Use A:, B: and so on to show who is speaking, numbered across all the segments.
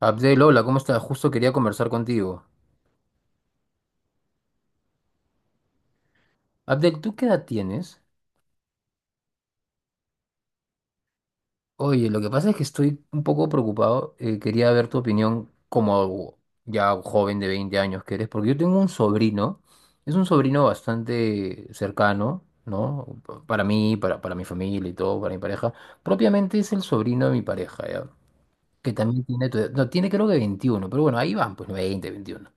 A: Abdel, hola, ¿cómo estás? Justo quería conversar contigo. Abdel, ¿tú qué edad tienes? Oye, lo que pasa es que estoy un poco preocupado. Quería ver tu opinión como ya joven de 20 años que eres, porque yo tengo un sobrino. Es un sobrino bastante cercano, ¿no? Para mí, para mi familia y todo, para mi pareja. Propiamente es el sobrino de mi pareja, ¿ya? Que también tiene tu edad. No, tiene creo que 21, pero bueno, ahí van, pues 20, 21.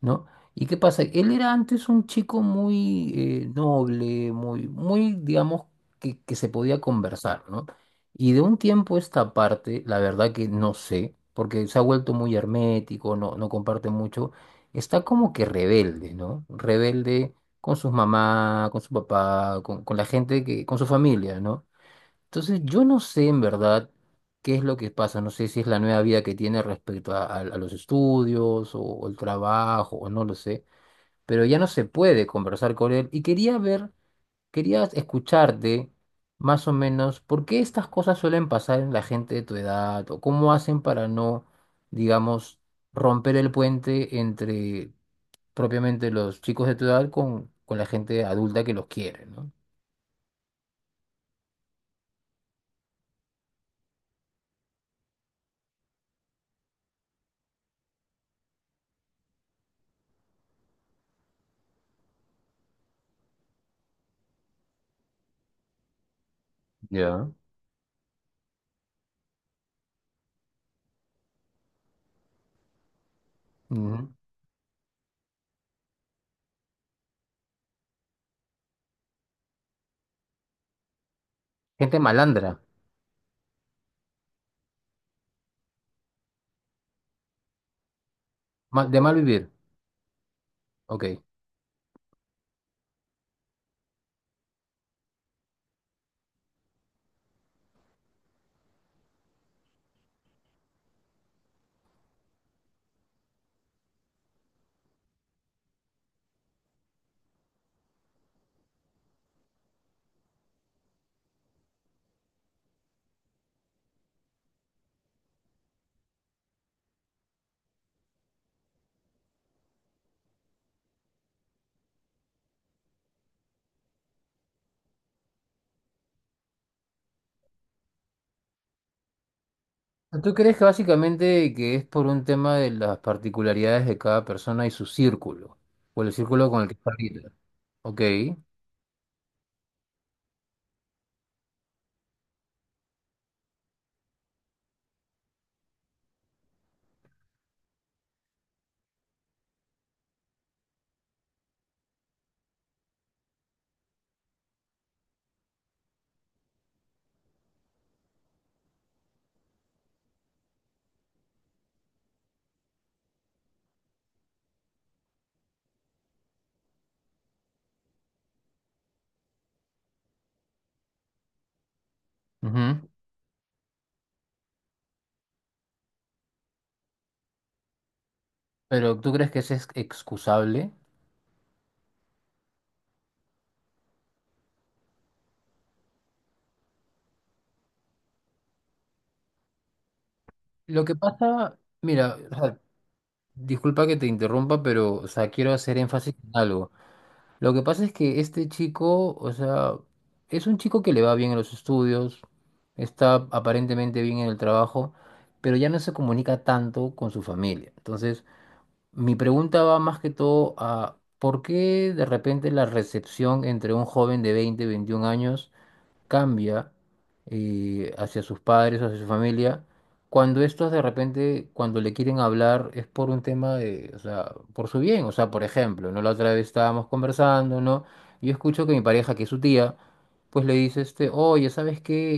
A: ¿No? ¿Y qué pasa? Él era antes un chico muy noble, muy, muy, digamos, que se podía conversar, ¿no? Y de un tiempo a esta parte, la verdad que no sé, porque se ha vuelto muy hermético, no, no comparte mucho, está como que rebelde, ¿no? Rebelde con sus mamás, con su papá, con la gente que, con su familia, ¿no? Entonces, yo no sé en verdad qué es lo que pasa, no sé si es la nueva vida que tiene respecto a los estudios o el trabajo, o no lo sé, pero ya no se puede conversar con él y quería ver, quería escucharte más o menos por qué estas cosas suelen pasar en la gente de tu edad o cómo hacen para no, digamos, romper el puente entre propiamente los chicos de tu edad con la gente adulta que los quiere, ¿no? Ya. Ujú. Gente malandra, de mal vivir. Ok. ¿Tú crees que básicamente que es por un tema de las particularidades de cada persona y su círculo? O el círculo con el que está ahorita. Ok. Ujú. Pero ¿tú crees que eso es excusable? Lo que pasa, mira, o sea, disculpa que te interrumpa, pero o sea, quiero hacer énfasis en algo. Lo que pasa es que este chico, o sea, es un chico que le va bien en los estudios, está aparentemente bien en el trabajo, pero ya no se comunica tanto con su familia. Entonces, mi pregunta va más que todo a ¿por qué de repente la recepción entre un joven de 20, 21 años cambia hacia sus padres, hacia su familia, cuando estos de repente, cuando le quieren hablar, es por un tema de, o sea, por su bien? O sea, por ejemplo, ¿no? La otra vez estábamos conversando, ¿no? Yo escucho que mi pareja, que es su tía, pues le dice, este, oye, ¿sabes qué?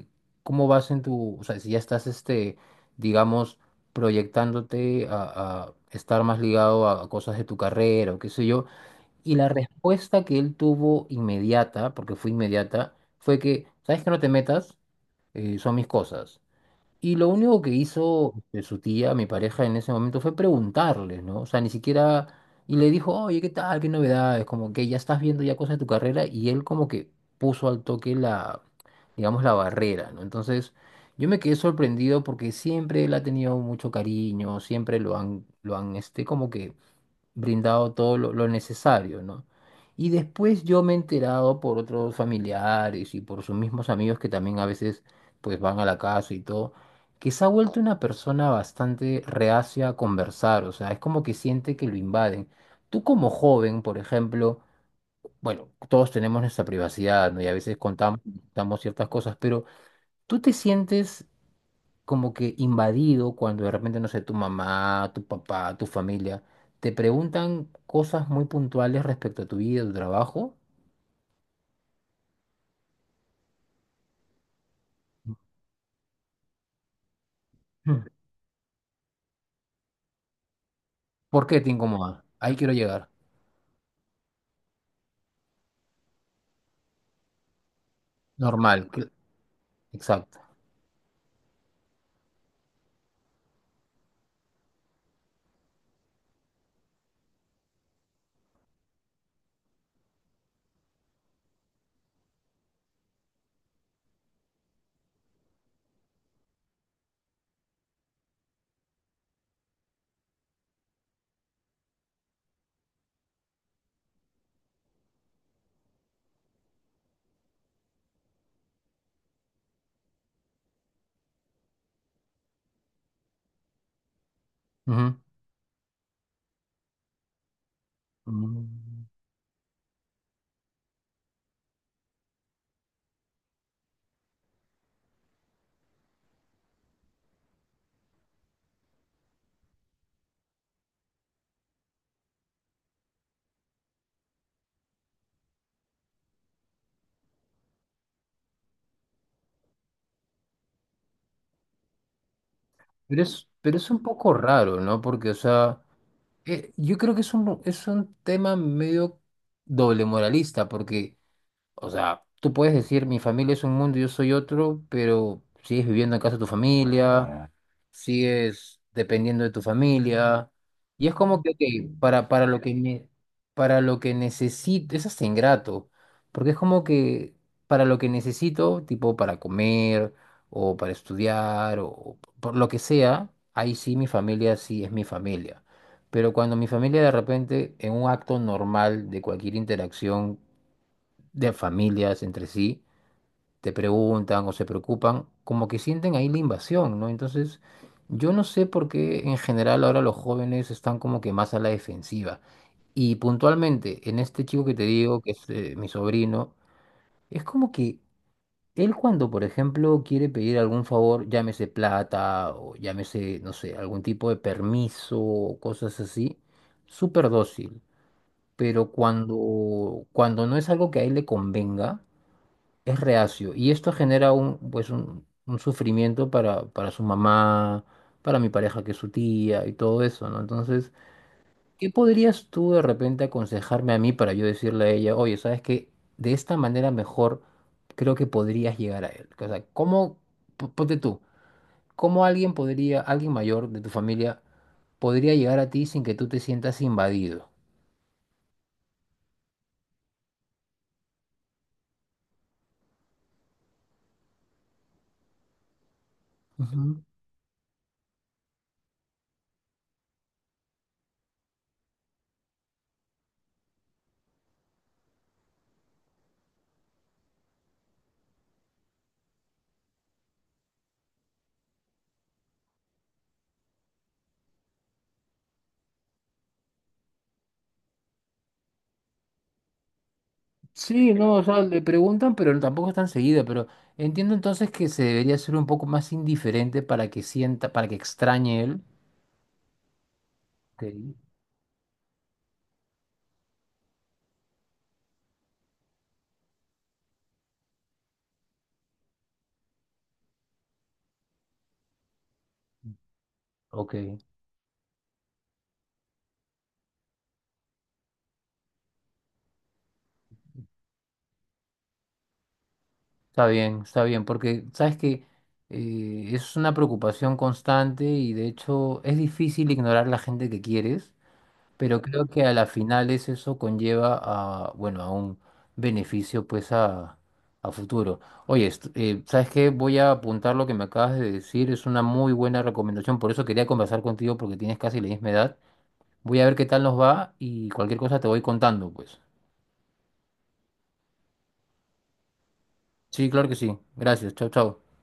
A: Eh, ¿Cómo vas en tu, o sea, si ya estás, este, digamos, proyectándote a estar más ligado a cosas de tu carrera o qué sé yo? Y la respuesta que él tuvo inmediata, porque fue inmediata, fue que, ¿sabes que no te metas. Son mis cosas. Y lo único que hizo este, su tía, mi pareja en ese momento, fue preguntarle, ¿no? O sea, ni siquiera. Y le dijo, oye, ¿qué tal? ¿Qué novedades? Como que ya estás viendo ya cosas de tu carrera. Y él como que puso al toque la, digamos, la barrera, ¿no? Entonces, yo me quedé sorprendido porque siempre él ha tenido mucho cariño, siempre lo han como que brindado todo lo necesario, ¿no? Y después yo me he enterado por otros familiares y por sus mismos amigos que también a veces pues van a la casa y todo, que se ha vuelto una persona bastante reacia a conversar, o sea, es como que siente que lo invaden. Tú como joven, por ejemplo, bueno, todos tenemos nuestra privacidad, ¿no? Y a veces contamos, contamos ciertas cosas, pero ¿tú te sientes como que invadido cuando de repente, no sé, tu mamá, tu papá, tu familia, te preguntan cosas muy puntuales respecto a tu vida, tu trabajo? Mm. ¿Por qué te incomoda? Ahí quiero llegar. Normal, exacto. Ujú. Mm. Pero es un poco raro, ¿no? Porque, o sea, yo creo que es un tema medio doble moralista, porque, o sea, tú puedes decir, mi familia es un mundo y yo soy otro, pero sigues viviendo en casa de tu familia. Ah, sigues dependiendo de tu familia. Y es como que, ok, para lo que necesito, es hasta ingrato, porque es como que, para lo que necesito, tipo para comer o para estudiar o por lo que sea, ahí sí mi familia sí es mi familia. Pero cuando mi familia de repente, en un acto normal de cualquier interacción, de familias entre sí, te preguntan o se preocupan, como que sienten ahí la invasión, ¿no? Entonces, yo no sé por qué en general ahora los jóvenes están como que más a la defensiva. Y puntualmente, en este chico que te digo, que es mi sobrino, es como que él, cuando por ejemplo quiere pedir algún favor, llámese plata o llámese, no sé, algún tipo de permiso o cosas así, súper dócil. Pero cuando, cuando no es algo que a él le convenga, es reacio, y esto genera pues un sufrimiento para su mamá, para mi pareja que es su tía y todo eso, ¿no? Entonces, ¿qué podrías tú de repente aconsejarme a mí para yo decirle a ella, oye, sabes que de esta manera mejor creo que podrías llegar a él? O sea, ¿cómo, ponte tú, cómo alguien podría, alguien mayor de tu familia, podría llegar a ti sin que tú te sientas invadido? Sí, no, o sea, le preguntan, pero tampoco es tan seguido, pero entiendo entonces que se debería ser un poco más indiferente para que sienta, para que extrañe él. Ok, ok, está bien, porque sabes que es una preocupación constante, y de hecho es difícil ignorar la gente que quieres. Pero creo que a la final eso conlleva a, bueno, a un beneficio, pues, a, futuro. Oye, ¿sabes qué? Voy a apuntar lo que me acabas de decir, es una muy buena recomendación, por eso quería conversar contigo porque tienes casi la misma edad. Voy a ver qué tal nos va y cualquier cosa te voy contando, pues. Sí, claro que sí. Gracias. Chao, chao.